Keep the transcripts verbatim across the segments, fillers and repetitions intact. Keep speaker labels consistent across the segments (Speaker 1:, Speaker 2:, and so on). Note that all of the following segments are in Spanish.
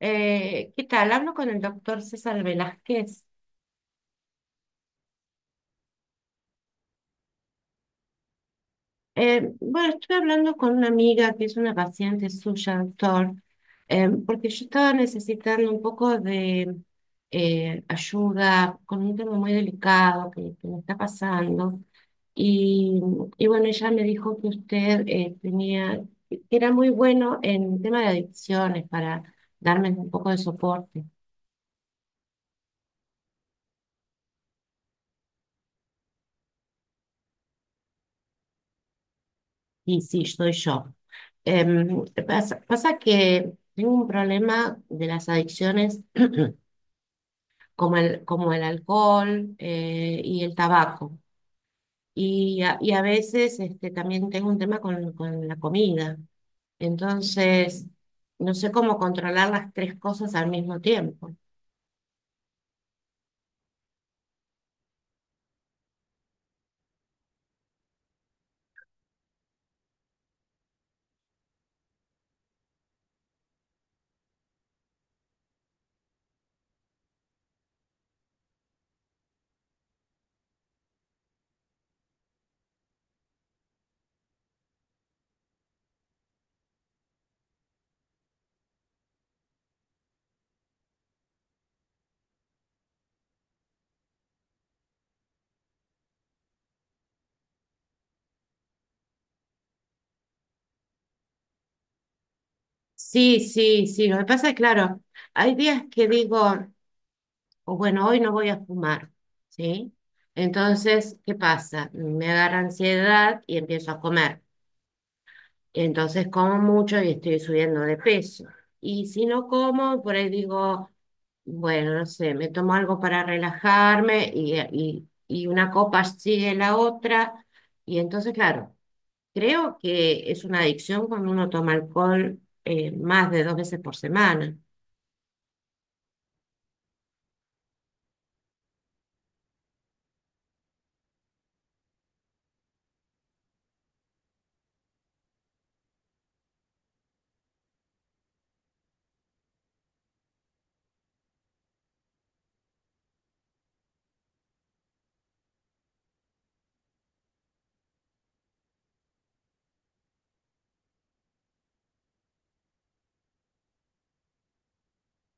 Speaker 1: Eh, ¿qué tal? Hablo con el doctor César Velázquez. Eh, bueno, estuve hablando con una amiga que es una paciente suya, doctor, eh, porque yo estaba necesitando un poco de eh, ayuda con un tema muy delicado que, que me está pasando. Y, y bueno, ella me dijo que usted eh, tenía, que era muy bueno en tema de adicciones para darme un poco de soporte. Y sí, soy yo. Em, pasa, pasa que tengo un problema de las adicciones como el, como el alcohol eh, y el tabaco. Y a, y a veces este, también tengo un tema con, con la comida. Entonces, no sé cómo controlar las tres cosas al mismo tiempo. Sí, sí, sí. Lo que pasa es, claro, hay días que digo, o bueno, hoy no voy a fumar, ¿sí? Entonces, ¿qué pasa? Me agarra ansiedad y empiezo a comer. Entonces como mucho y estoy subiendo de peso. Y si no como, por ahí digo, bueno, no sé, me tomo algo para relajarme y, y, y una copa sigue la otra. Y entonces, claro, creo que es una adicción cuando uno toma alcohol eh, más de dos veces por semana.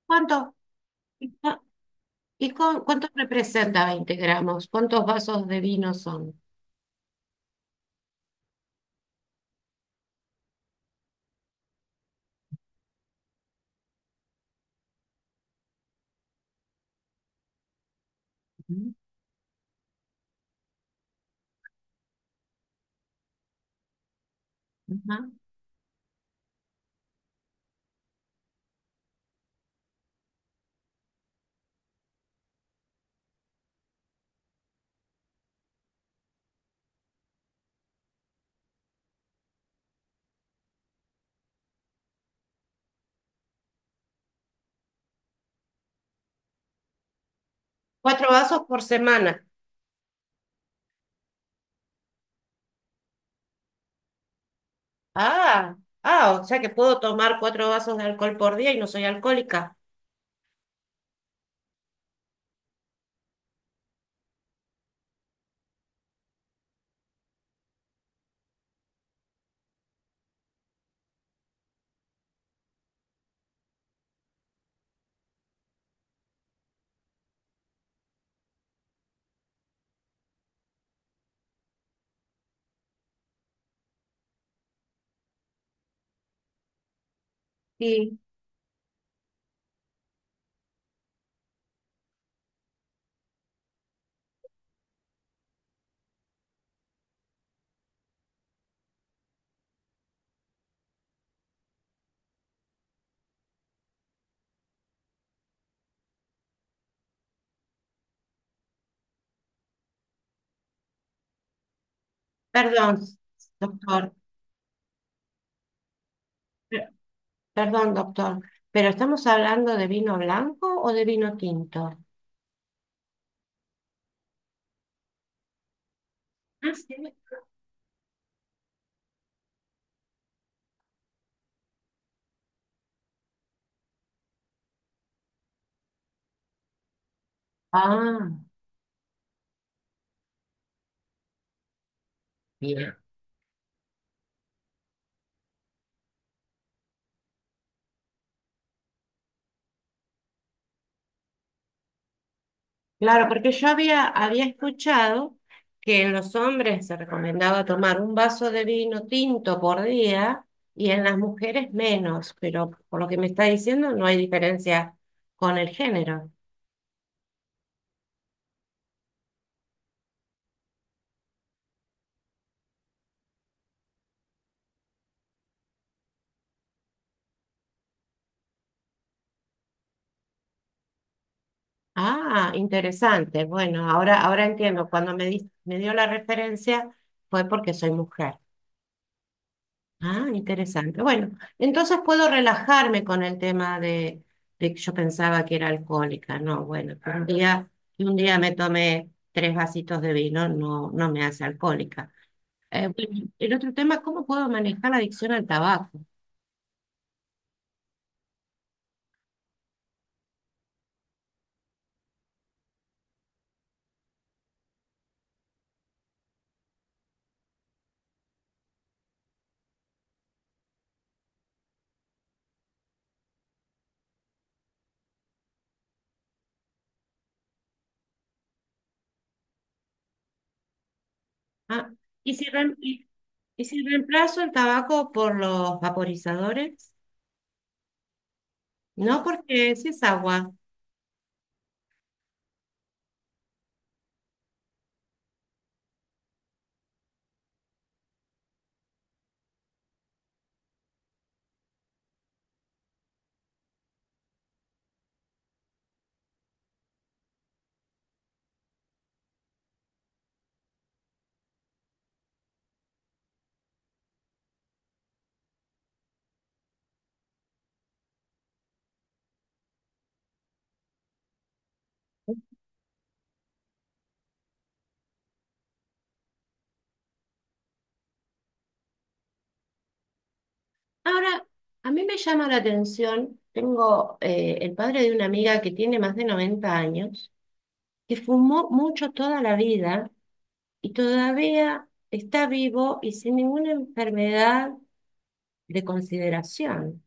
Speaker 1: ¿Cuánto? ¿Y cu- cuánto representa veinte gramos? ¿Cuántos vasos de vino son? Ujú, ujú. Cuatro vasos por semana. Ah, ah, o sea que puedo tomar cuatro vasos de alcohol por día y no soy alcohólica. Sí. Perdón, doctor. Per- Perdón, doctor. ¿Pero estamos hablando de vino blanco o de vino tinto? Ah, sí. Ah, bien. Claro, porque yo había, había escuchado que en los hombres se recomendaba tomar un vaso de vino tinto por día y en las mujeres menos, pero por lo que me está diciendo no hay diferencia con el género. Ah, interesante. Bueno, ahora, ahora entiendo. Cuando me di- me dio la referencia fue porque soy mujer. Ah, interesante. Bueno, entonces puedo relajarme con el tema de, de que yo pensaba que era alcohólica. No, bueno, que un día, que un día me tomé tres vasitos de vino, no, no me hace alcohólica. Eh, bueno, el otro tema: ¿cómo puedo manejar la adicción al tabaco? Ah, ¿y si, rem- y, y si reemplazo el tabaco por los vaporizadores? No, porque si es agua. Ahora, a mí me llama la atención, tengo eh, el padre de una amiga que tiene más de noventa años, que fumó mucho toda la vida y todavía está vivo y sin ninguna enfermedad de consideración.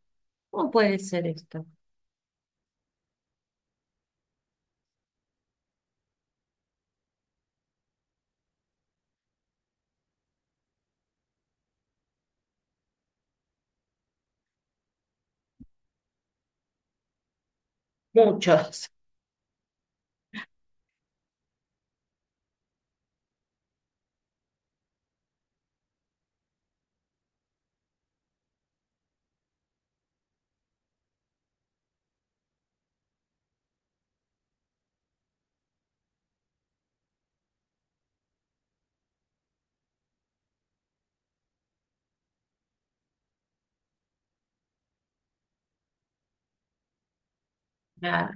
Speaker 1: ¿Cómo puede ser esto? Muchos. Ah.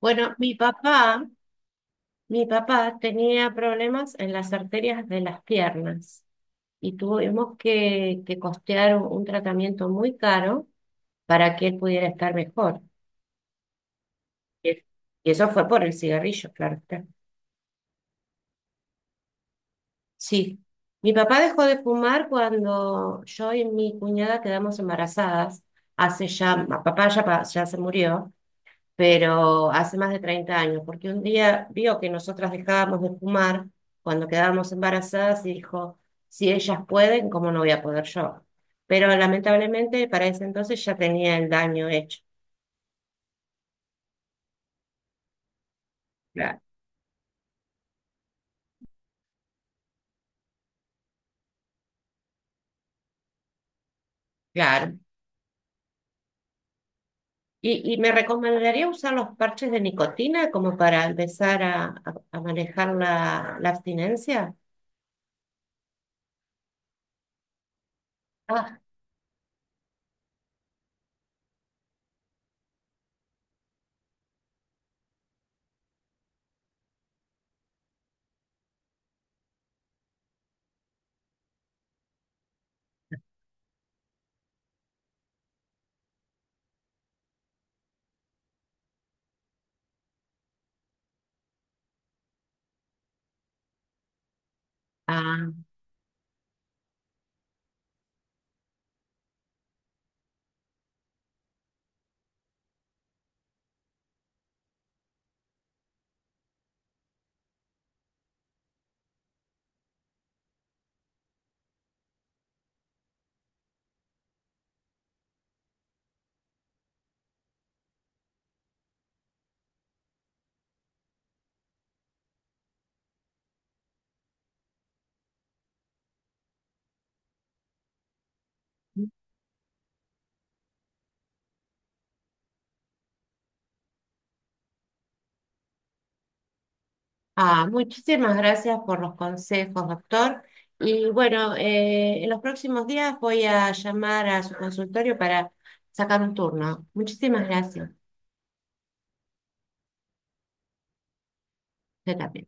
Speaker 1: Bueno, mi papá Mi papá tenía problemas en las arterias de las piernas y tuvimos que, que costear un, un tratamiento muy caro para que él pudiera estar mejor. Y y eso fue por el cigarrillo, claro está. Sí. Mi papá dejó de fumar cuando yo y mi cuñada quedamos embarazadas. Hace ya, mi papá ya, pa- ya se murió, pero hace más de treinta años, porque un día vio que nosotras dejábamos de fumar cuando quedábamos embarazadas y dijo, si ellas pueden, ¿cómo no voy a poder yo? Pero lamentablemente para ese entonces ya tenía el daño hecho. Claro. Claro. ¿Y, y me recomendaría usar los parches de nicotina como para empezar a, a- a manejar la, la abstinencia? Ah. Ah. Ah, muchísimas gracias por los consejos, doctor. Y bueno, eh, en los próximos días voy a llamar a su consultorio para sacar un turno. Muchísimas gracias. Usted también.